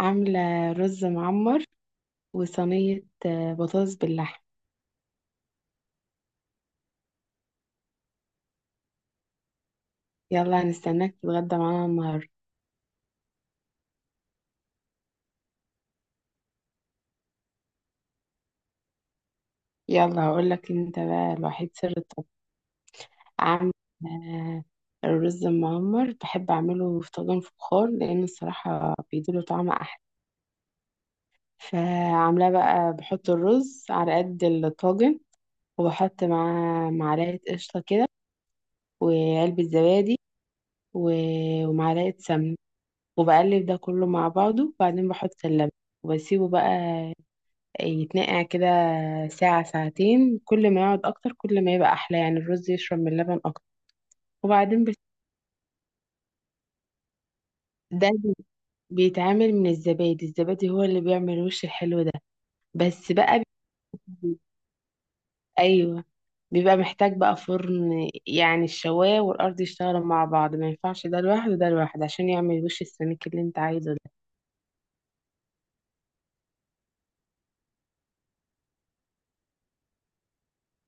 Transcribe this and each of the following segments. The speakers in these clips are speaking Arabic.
عاملة رز معمر، وصينية بطاطس باللحم. يلا، هنستناك تتغدى معانا النهاردة. يلا هقولك انت بقى الوحيد سر الطبخ. عاملة آه، الرز المعمر بحب أعمله في طاجن فخار، لأن الصراحة بيديله طعم أحلى. فعاملاه بقى بحط الرز على قد الطاجن، وبحط معاه معلقة قشطة كده، وعلبة زبادي، ومعلقة سمنة، وبقلب ده كله مع بعضه، وبعدين بحط اللبن وبسيبه بقى يتنقع كده ساعة ساعتين. كل ما يقعد أكتر كل ما يبقى أحلى، يعني الرز يشرب من اللبن أكتر. وبعدين ده بي- بيتعمل من الزبادي. الزبادي هو اللي بيعمل الوش الحلو ده. بس بقى بي- أيوه، بيبقى محتاج بقى فرن، يعني الشواية والأرض يشتغلوا مع بعض، ما ينفعش ده لوحده وده لوحده، عشان يعمل وش السميك اللي انت عايزه ده.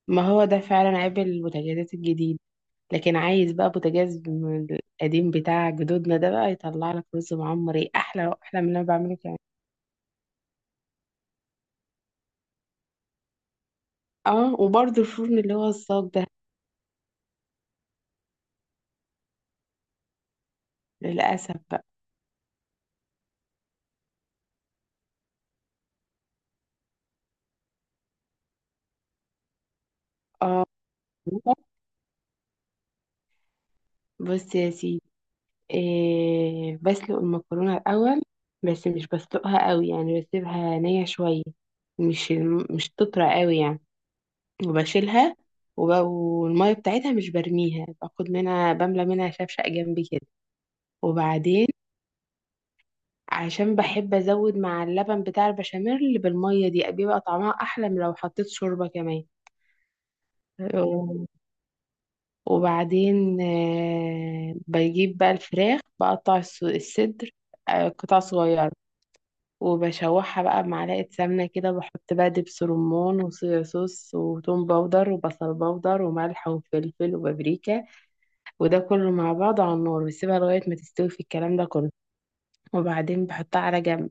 ما هو ده فعلا عيب البوتاجازات الجديدة. لكن عايز بقى بوتاجاز من القديم بتاع جدودنا، ده بقى يطلع لك رز معمر ايه، احلى احلى من اللي انا بعمله كمان. اه، وبرده الفرن اللي هو الصاج ده. للاسف بقى. اه. بص يا سيدي، إيه، بسلق المكرونه الاول، بس مش بسلقها قوي، يعني بسيبها نيه شويه، مش مش تطرى قوي يعني. وبشيلها، والميه بتاعتها مش برميها، باخد منها، بملى منها شفشق جنبي كده. وبعدين عشان بحب ازود مع اللبن بتاع البشاميل بالميه دي، بيبقى طعمها احلى من لو حطيت شوربه كمان. و- وبعدين بجيب بقى الفراخ، بقطع الصدر، قطع صغيره. وبشوحها بقى بمعلقه سمنه كده، بحط بقى دبس رمان وصويا صوص وتوم باودر وبصل باودر وملح وفلفل وبابريكا، وده كله مع بعضه على النار، واسيبها لغايه ما تستوي في الكلام ده كله. وبعدين بحطها على جنب،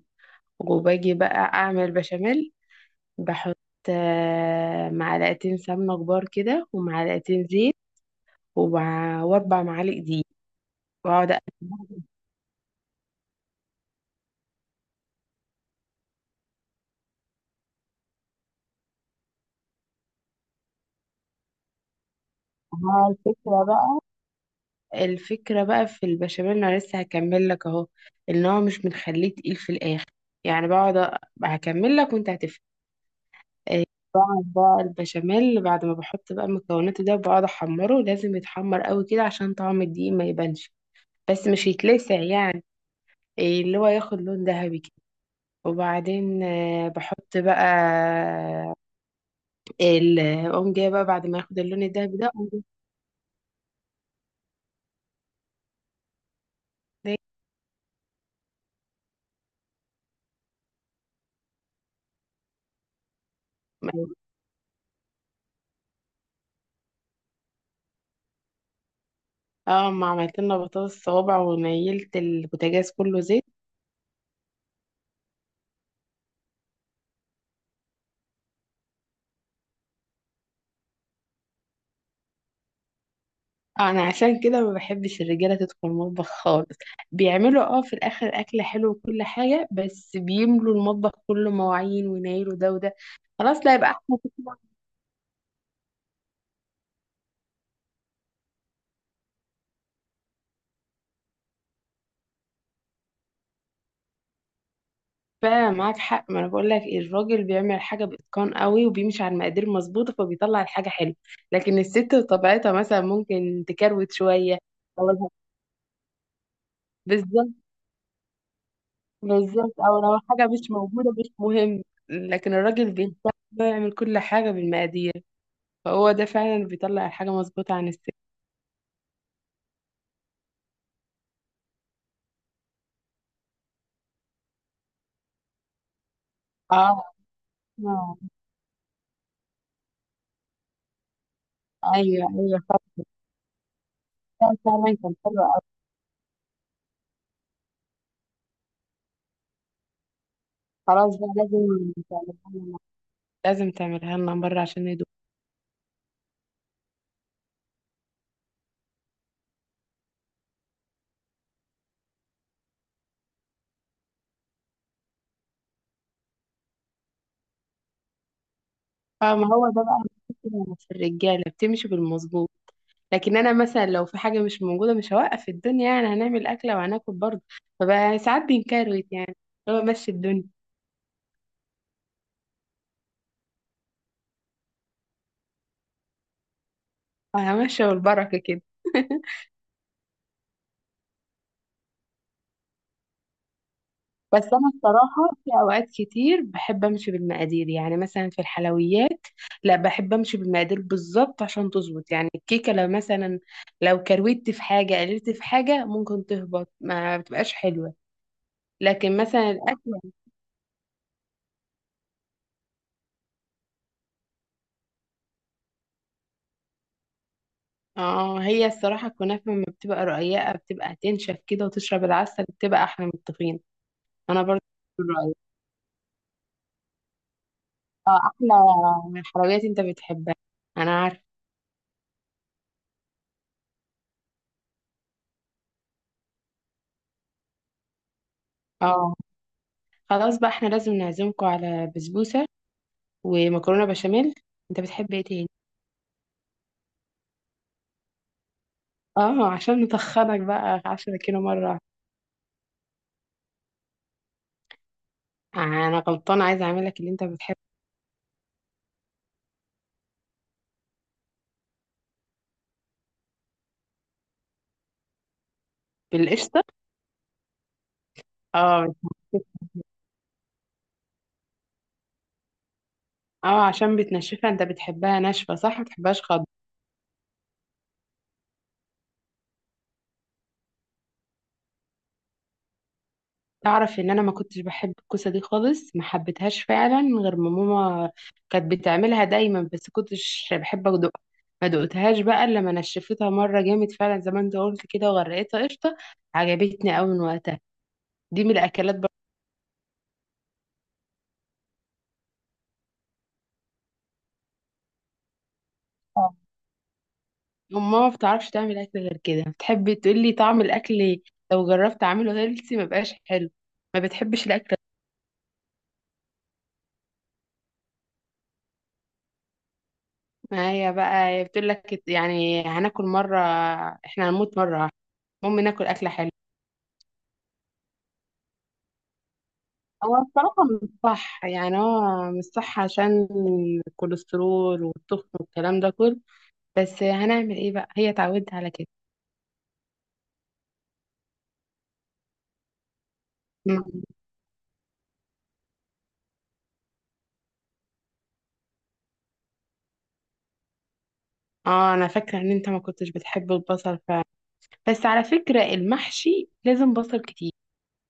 وباجي بقى اعمل بشاميل. بحط معلقتين سمنة كبار كده، ومعلقتين زيت، واربع معالق دقيق، واقعد أقلب. مع الفكرة بقى، الفكرة بقى في البشاميل انا لسه هكمل لك اهو، ان هو مش بنخليه تقيل في الاخر، يعني بقعد هكمل لك وانت هتفهم. آه، بقعد بقى البشاميل بعد ما بحط بقى المكونات ده، بقعد احمره، لازم يتحمر قوي كده عشان طعم الدقيق ما يبانش، بس مش يتلسع يعني، إيه، اللي هو ياخد لون ذهبي. وبعدين بحط بقى اقوم جايه بقى بعد ما ياخد اللون الدهبي ده، اقوم جايه- اه، ما عملت لنا بطاطس صوابع ونيلت البوتاجاز كله زيت. انا عشان كده ما بحبش الرجاله تدخل المطبخ خالص، بيعملوا في الاخر اكل حلو وكل حاجه، بس بيملوا المطبخ كله مواعين وينيلوا ده وده. خلاص، لا يبقى احنا فعلا معاك حق. ما انا بقول لك الراجل بيعمل حاجه باتقان قوي، وبيمشي على المقادير مظبوطه، فبيطلع الحاجه حلوه. لكن الست بطبيعتها مثلا ممكن تكروت شويه، او الح- بالظبط. بالظبط، او لو حاجه مش موجوده مش مهم. لكن الراجل بيهتم، بيعمل كل حاجه بالمقادير، فهو ده فعلا اللي بيطلع الحاجه مظبوطه عن الست. اه. آه. ايوه، ايوه، فعلا كان حلو أوي. خلاص بقى، لازم تعملها لنا، لازم تعملها لنا مره، عشان فما هو ده بقى الفكرة في الرجالة بتمشي بالمظبوط. لكن أنا مثلا لو في حاجة مش موجودة مش هوقف الدنيا، يعني هنعمل أكلة وهناكل برضه. فبقى ساعات بينكروت يعني، هو ماشي الدنيا. همشي بالبركة كده. بس أنا الصراحة في أوقات كتير بحب أمشي بالمقادير، يعني مثلا في الحلويات، لا بحب أمشي بالمقادير بالظبط عشان تظبط. يعني الكيكة لو مثلا لو كروت في حاجة، قللت في حاجة، ممكن تهبط، ما بتبقاش حلوة. لكن مثلا الأكل. اه، هي الصراحة الكنافة لما بتبقى رقيقة بتبقى هتنشف كده وتشرب العسل، بتبقى أحلى من الطحين. أنا برضه رأيي، اه، أحلى من الحلويات أنت بتحبها، أنا عارفة. اه. خلاص بقى احنا لازم نعزمكم على بسبوسة ومكرونة بشاميل. أنت بتحب إيه تاني؟ اه، عشان نتخنك بقى 10 كيلو مرة واحدة. أنا غلطانة، عايزة أعملك اللي أنت بتحبه. بالقشطة. اه. اه، عشان بتنشفها، أنت بتحبها ناشفة صح، ما بتحبهاش خضرا. تعرف ان انا ما كنتش بحب الكوسه دي خالص، ما حبيتهاش فعلا غير ما ماما كانت بتعملها دايما، بس كنتش بحب ادوقها. ما دقتهاش بقى الا لما نشفتها مره جامد فعلا زي ما انت قلت كده، وغرقتها قشطه، عجبتني قوي من وقتها. دي من الاكلات برضه. ماما ما بتعرفش تعمل اكل غير كده، بتحب تقول لي طعم الاكل، لو جربت اعمله هيلثي ما بقاش حلو. ما بتحبش الاكل. ما هي بقى هي بتقول لك، يعني هناكل مره، احنا هنموت مره، المهم ناكل اكله حلوه. هو الصراحة مش صح، يعني هو مش صح، عشان الكوليسترول والتخن والكلام ده كله، بس هنعمل ايه بقى هي اتعودت على كده. مم. اه، انا فاكرة ان انت ما كنتش بتحب البصل فعلا، بس على فكرة المحشي لازم بصل كتير،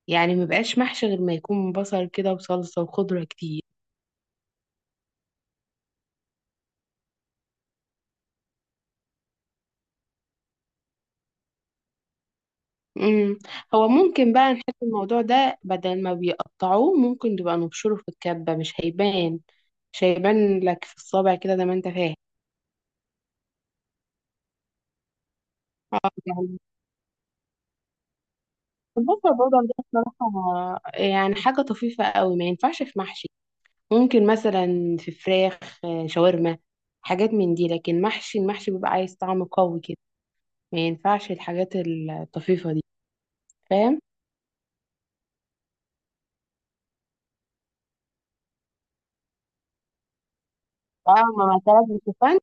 يعني مبقاش محشي غير ما يكون بصل كده وصلصة وخضرة كتير. مم. هو ممكن بقى نحط الموضوع ده، بدل ما بيقطعوه، ممكن تبقى نبشره في الكبة، مش هيبان. مش هيبان لك في الصابع كده زي ما انت فاهم. اه، البصل برضه عندنا بصراحة يعني حاجة طفيفة قوي، ما ينفعش في محشي. ممكن مثلا في فراخ، شاورما، حاجات من دي. لكن محشي، المحشي بيبقى عايز طعم قوي كده، ما ينفعش الحاجات الطفيفة دي. فاهم. اه، ما طلب الشوفان.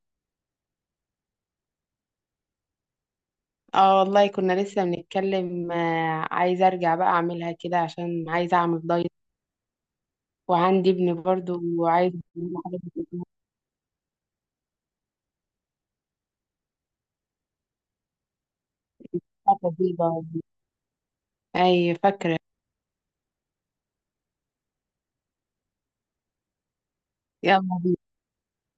اه والله، كنا لسه بنتكلم، عايزة ارجع بقى اعملها كده عشان عايزة اعمل دايت. وعندي ابن برضه وعايز يعمل حاجات جديدة. اي، فاكرة. يلا.